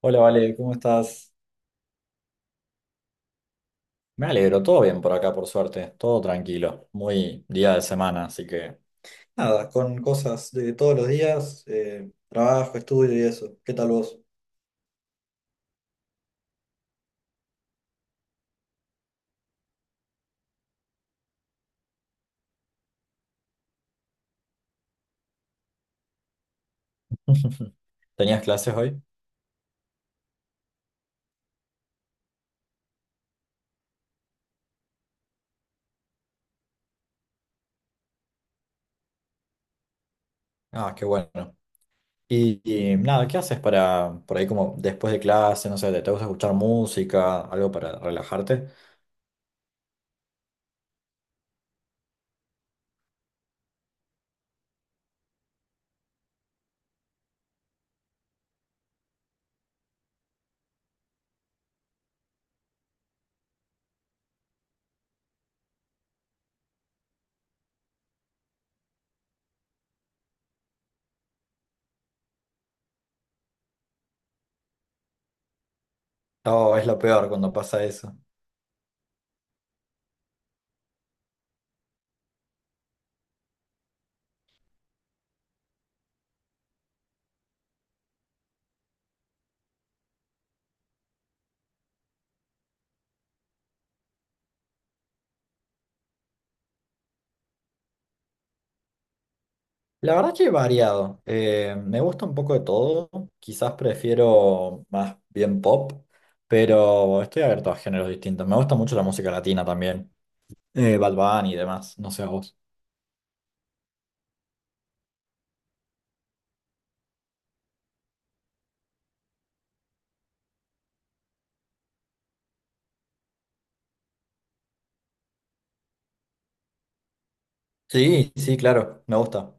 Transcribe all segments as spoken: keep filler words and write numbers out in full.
Hola, Vale, ¿cómo estás? Me alegro, todo bien por acá, por suerte, todo tranquilo, muy día de semana, así que nada, con cosas de todos los días, eh, trabajo, estudio y eso. ¿Qué tal vos? ¿Tenías clases hoy? Ah, qué bueno. Y, y nada, ¿qué haces para, por ahí como después de clase, no sé, te te gusta escuchar música, algo para relajarte? No, es lo peor cuando pasa eso. La verdad que variado. Eh, me gusta un poco de todo. Quizás prefiero más bien pop, pero estoy abierto a géneros distintos. Me gusta mucho la música latina también. Eh, Bad Bunny y demás. No sé a vos. Sí, sí, claro. Me gusta.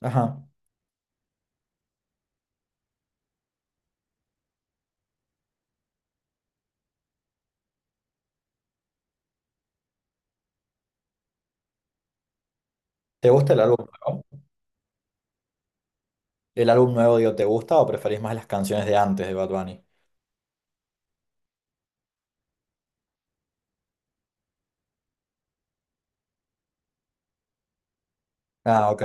Ajá. ¿Te gusta el álbum nuevo? ¿El álbum nuevo, digo, te gusta o preferís más las canciones de antes de Bad Bunny? Ah, ok.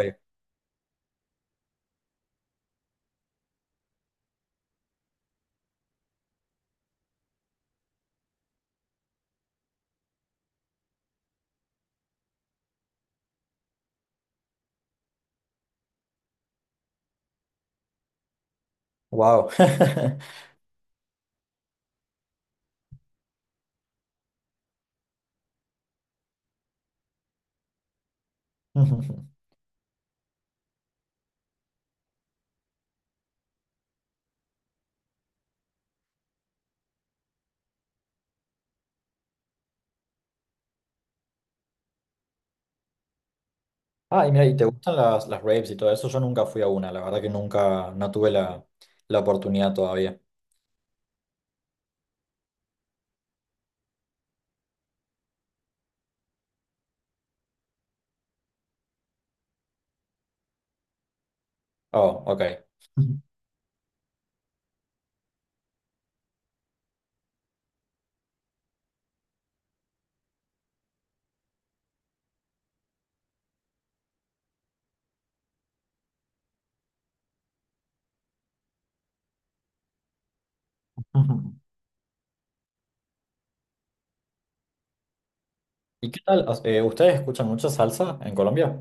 Wow. Ujú. Ah, y mira, ¿y te gustan las, las raves y todo eso? Yo nunca fui a una. La verdad que nunca, no tuve la la oportunidad todavía. Oh, ok. ¿Y qué tal? Os- eh, ¿ustedes escuchan mucha salsa en Colombia?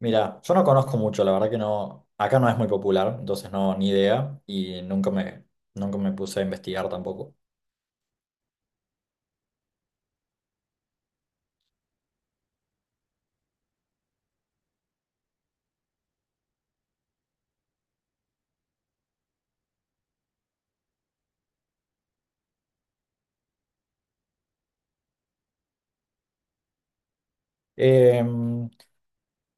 Mira, yo no conozco mucho, la verdad que no, acá no es muy popular, entonces no, ni idea, y nunca me, nunca me puse a investigar tampoco. Em,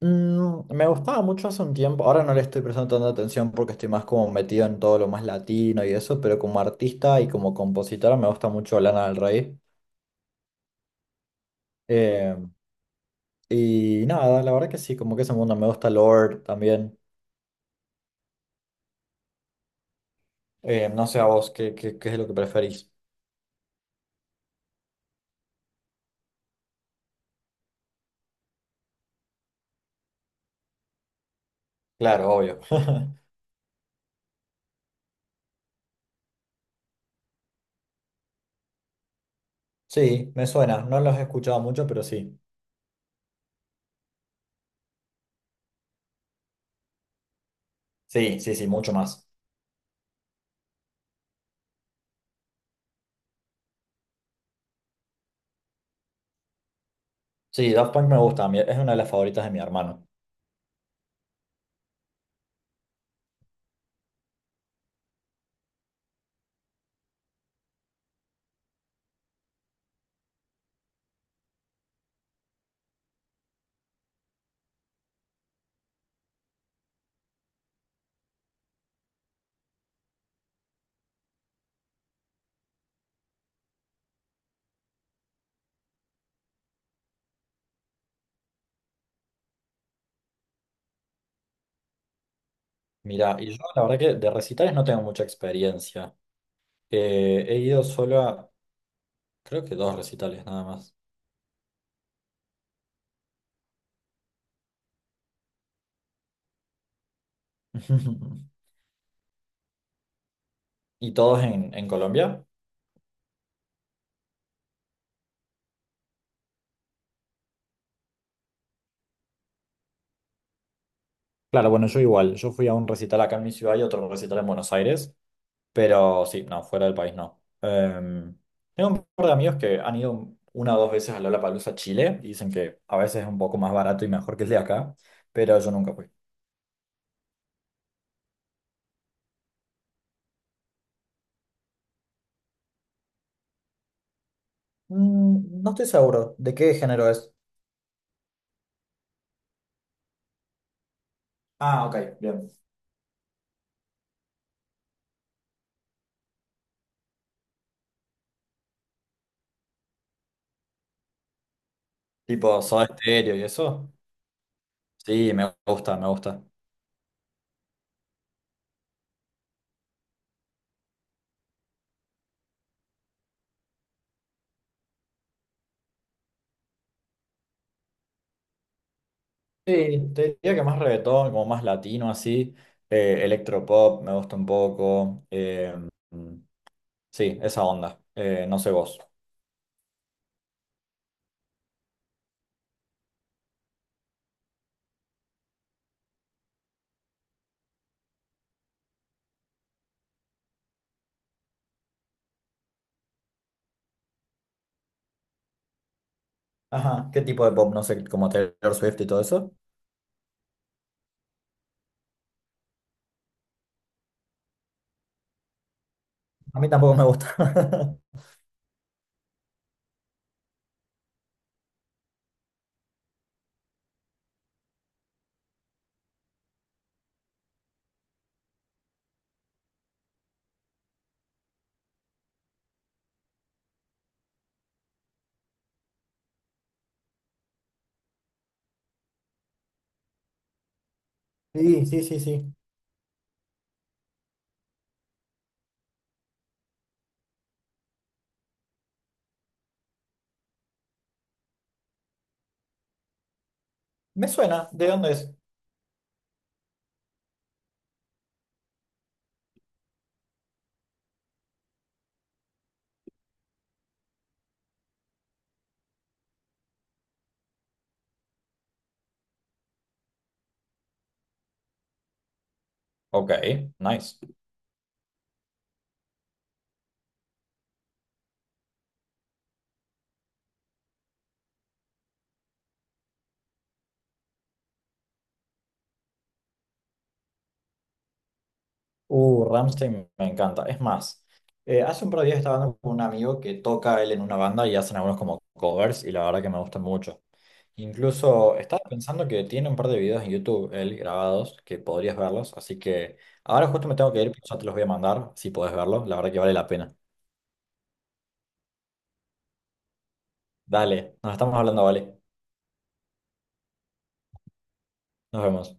mm, me gustaba mucho hace un tiempo, ahora no le estoy prestando tanta atención porque estoy más como metido en todo lo más latino y eso, pero como artista y como compositora me gusta mucho Lana del Rey. Em, y nada, la verdad que sí, como que ese mundo me gusta Lord también. Eh, no sé a vos qué, qué, qué es lo que preferís. Claro, obvio. Sí, me suena. No los he escuchado mucho, pero sí. Sí, sí, sí, mucho más. Sí, Daft Punk me gusta. mi- Es una de las favoritas de mi hermano. Mira, y yo la verdad que de recitales no tengo mucha experiencia. Eh, he ido solo a, creo que dos recitales nada más. ¿Y todos en, en Colombia? Claro, bueno, yo igual. Yo fui a un recital acá en mi ciudad y otro recital en Buenos Aires. Pero sí, no, fuera del país no. Em, tengo un par de amigos que han ido una o dos veces a Lollapalooza, Chile, y dicen que a veces es un poco más barato y mejor que el de acá, pero yo nunca fui. Mm, no estoy seguro de qué género es. Ah, ok, bien. Tipo Soda Stereo y eso. Sí, me gusta, me gusta. Sí, te diría que más reggaetón, como más latino así. Eh, electropop me gusta un poco. Em, sí, esa onda. Eh, no sé vos. Ajá, ¿qué tipo de pop? No sé, como Taylor Swift y todo eso. A mí tampoco me gusta. Sí, sí, sí, sí. Me suena, ¿de dónde es? Ok, nice. Uh, Rammstein me encanta. Es más, eh, hace un par de días estaba hablando con un amigo que toca él en una banda y hacen algunos como covers y la verdad que me gustan mucho. Incluso estaba pensando que tiene un par de videos en YouTube él grabados que podrías verlos, así que ahora justo me tengo que ir, pero ya te los voy a mandar si podés verlos, la verdad que vale la pena. Dale, nos estamos hablando, vale. Nos vemos.